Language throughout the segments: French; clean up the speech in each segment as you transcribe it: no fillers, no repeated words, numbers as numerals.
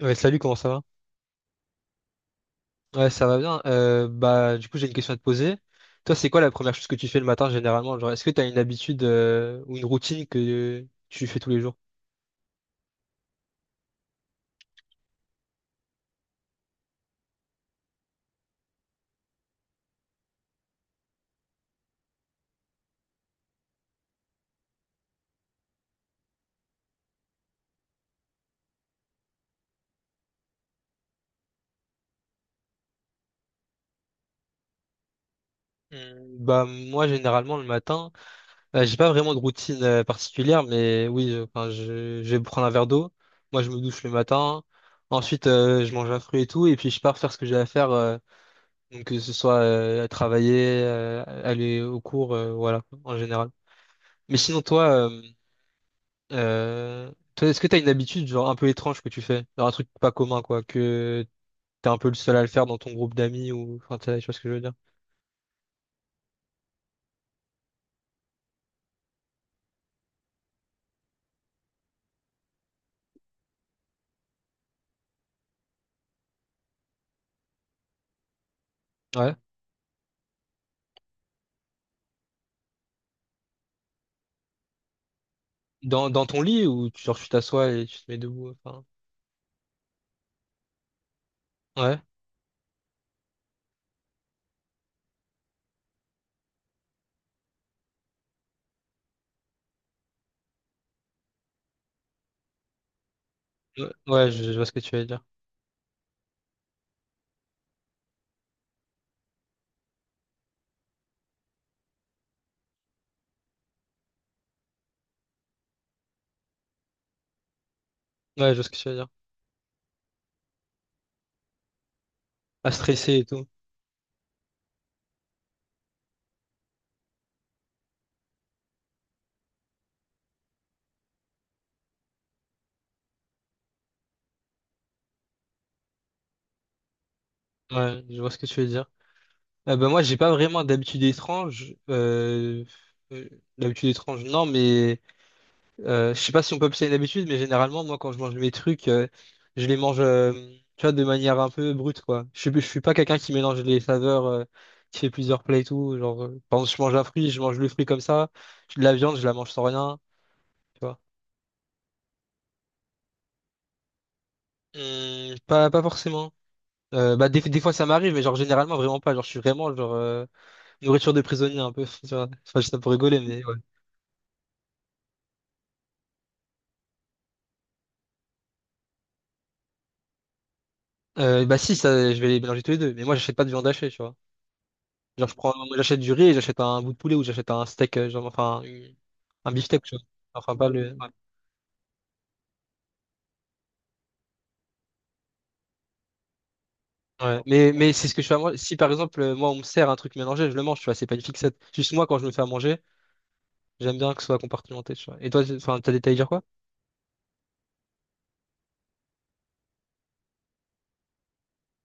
Ouais, salut, comment ça va? Ouais, ça va bien. Du coup, j'ai une question à te poser. Toi, c'est quoi la première chose que tu fais le matin généralement? Genre, est-ce que tu as une habitude ou une routine que tu fais tous les jours? Bah, moi, généralement, le matin, j'ai pas vraiment de routine particulière, mais oui, enfin, je vais prendre un verre d'eau. Moi, je me douche le matin. Ensuite, je mange un fruit et tout, et puis je pars faire ce que j'ai à faire. Donc, que ce soit à travailler, aller au cours, voilà, en général. Mais sinon, toi, est-ce que t'as une habitude, genre, un peu étrange que tu fais? Genre, un truc pas commun, quoi, que t'es un peu le seul à le faire dans ton groupe d'amis ou, enfin, tu sais tu vois ce que je veux dire? Ouais. Dans ton lit ou, genre, tu t'assois et tu te mets debout, enfin. Ouais. Ouais, ouais, je vois ce que tu veux dire. Ouais, je vois ce que tu veux dire. À stresser et tout. Ouais, je vois ce que tu veux dire. Ben, moi, j'ai pas vraiment euh, d'habitude étrange, non, mais, je sais pas si on peut appeler ça une habitude, mais généralement, moi, quand je mange mes trucs, je les mange, tu vois, de manière un peu brute, quoi. Je suis pas quelqu'un qui mélange les saveurs, qui fait plusieurs plats et tout. Genre, par exemple, je mange un fruit, je mange le fruit comme ça. De la viande, je la mange sans rien, tu vois. Pas forcément. Des fois, ça m'arrive, mais genre, généralement, vraiment pas. Genre, je suis vraiment, nourriture de prisonnier, un peu, tu vois. Enfin, je dis ça pour rigoler, mais ouais. Si, ça, je vais les mélanger tous les deux. Mais moi, j'achète pas de viande hachée, tu vois. J'achète du riz et j'achète un bout de poulet ou j'achète un steak, genre, enfin, un beefsteak, tu vois. Enfin, pas le. Ouais. Ouais. Mais c'est ce que je fais à manger. Si par exemple, moi, on me sert un truc mélangé, je le mange, tu vois, c'est pas une fixette. Juste moi, quand je me fais à manger, j'aime bien que ce soit compartimenté, tu vois. Et toi, enfin, t'as détaillé dire quoi?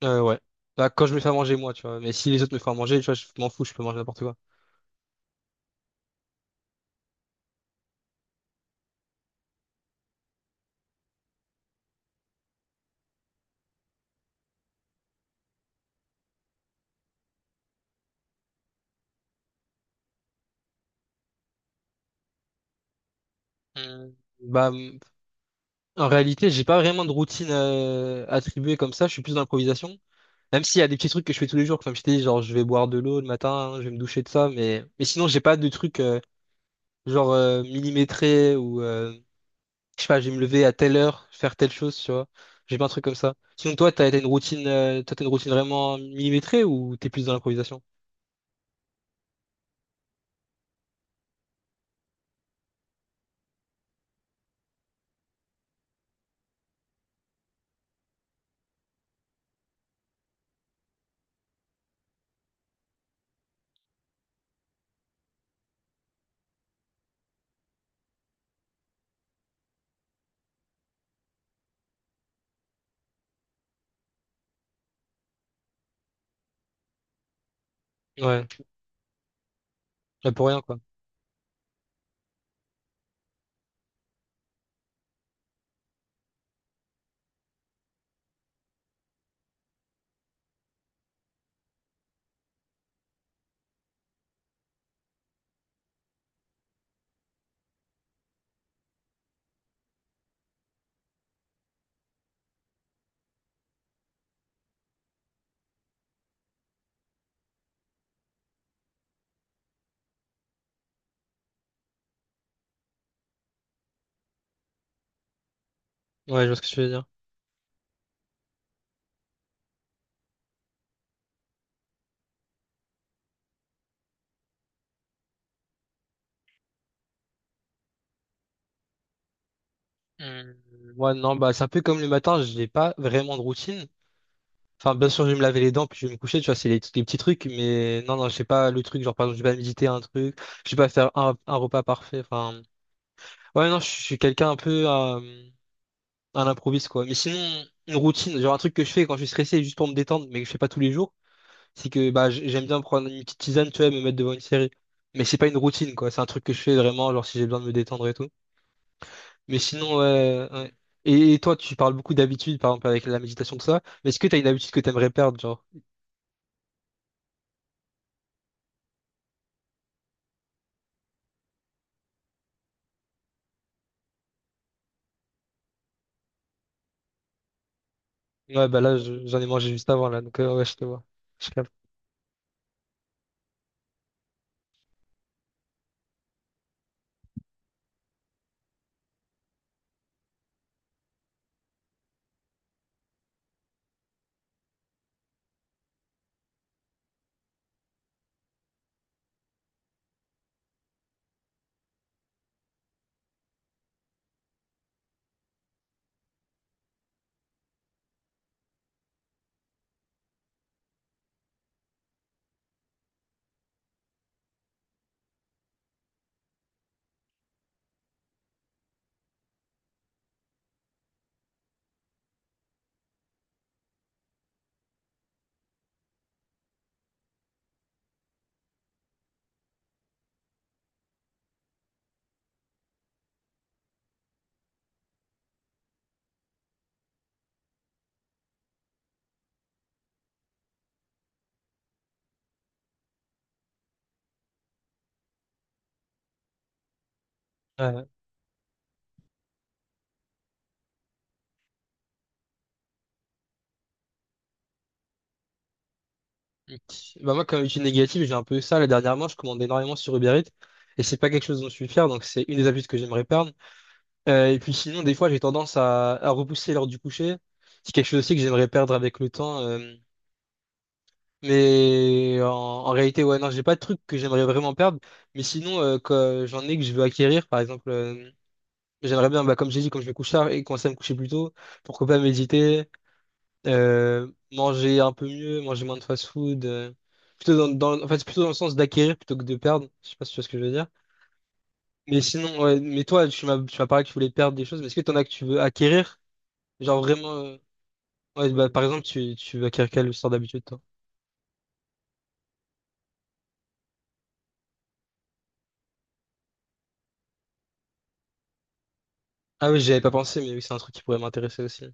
Ouais. Bah, quand je me fais à manger, moi, tu vois. Mais si les autres me font à manger, tu vois, je m'en fous, je peux manger n'importe quoi. Hmm. Bah, En réalité, j'ai pas vraiment de routine attribuée comme ça, je suis plus dans l'improvisation. Même s'il y a des petits trucs que je fais tous les jours, comme je t'ai dit, genre je vais boire de l'eau le matin, je vais me doucher de ça, mais sinon j'ai pas de trucs millimétrés ou je sais pas, je vais me lever à telle heure, faire telle chose, tu vois. J'ai pas un truc comme ça. Sinon toi, t'as une routine, toi t'as une routine vraiment millimétrée ou t'es plus dans l'improvisation? Ouais, là pour rien quoi. Ouais, je vois ce que tu veux dire. Hum, Moi non, bah c'est un peu comme le matin, j'ai pas vraiment de routine. Enfin, bien sûr, je vais me laver les dents, puis je vais me coucher, tu vois, c'est les petits trucs, mais non, non, je sais pas le truc, genre, par exemple, je vais pas méditer un truc, je vais pas faire un repas parfait, enfin... Ouais, non, je suis quelqu'un un peu à l'improviste, quoi. Mais sinon, une routine, genre un truc que je fais quand je suis stressé, juste pour me détendre, mais que je fais pas tous les jours, c'est que, bah, j'aime bien prendre une petite tisane, tu vois, et me mettre devant une série. Mais c'est pas une routine, quoi, c'est un truc que je fais vraiment, genre, si j'ai besoin de me détendre et tout. Mais sinon, ouais, ouais. Et toi, tu parles beaucoup d'habitudes, par exemple, avec la méditation, tout ça, mais est-ce que t'as une habitude que t'aimerais perdre, genre? Ouais, bah là, j'en ai mangé juste avant, là, donc ouais, je te vois. Je capte. Ouais. Ok. Bah moi, comme étude négative, j'ai un peu eu ça. Là, dernièrement, je commande énormément sur Uber Eats, et c'est pas quelque chose dont je suis fier, donc c'est une des habitudes que j'aimerais perdre. Et puis sinon, des fois, j'ai tendance à repousser l'heure du coucher. C'est quelque chose aussi que j'aimerais perdre avec le temps. Mais en réalité, ouais, non, j'ai pas de truc que j'aimerais vraiment perdre. Mais sinon, que j'en ai que je veux acquérir, par exemple, j'aimerais bien, bah, comme j'ai dit, quand je vais coucher tard et commencer à me coucher plus tôt, pourquoi pas méditer, manger un peu mieux, manger moins de fast-food. Plutôt dans, en fait, c'est plutôt dans le sens d'acquérir plutôt que de perdre. Je sais pas si tu vois ce que je veux dire. Mais sinon, ouais, mais toi, tu m'as parlé que tu voulais perdre des choses, mais est-ce que t'en as que tu veux acquérir? Genre vraiment, ouais, bah, par exemple, tu veux acquérir quelle sorte d'habitude, toi? Ah oui, j'avais pas pensé, mais oui, c'est un truc qui pourrait m'intéresser aussi.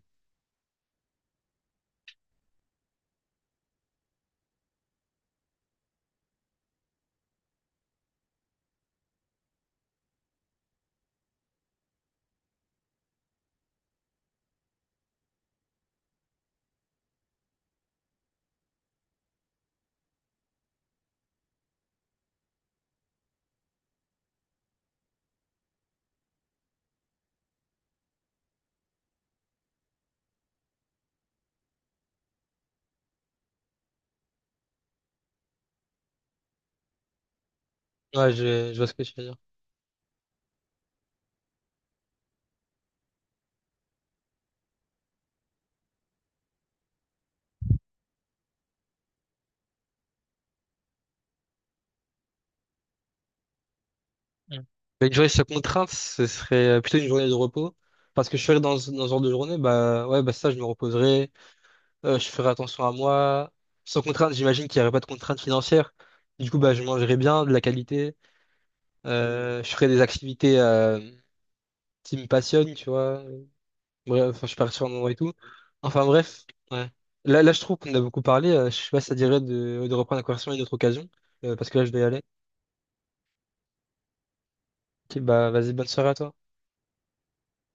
Ouais, je vois ce que tu veux dire. Mm. Une journée sans contrainte, ce serait plutôt une journée de repos. Parce que je serais dans ce genre de journée, bah ouais, bah ça, je me reposerai. Je ferai attention à moi. Sans contrainte, j'imagine qu'il n'y aurait pas de contrainte financière. Du coup, bah, je mangerai bien, de la qualité. Je ferai des activités qui me passionnent, tu vois. Bref, enfin, je pars sur un moment et tout. Enfin bref, ouais. Là, je trouve qu'on a beaucoup parlé. Je sais pas si ça dirait de reprendre la conversation à une autre occasion. Parce que là, je dois y aller. Ok, bah, vas-y, bonne soirée à toi.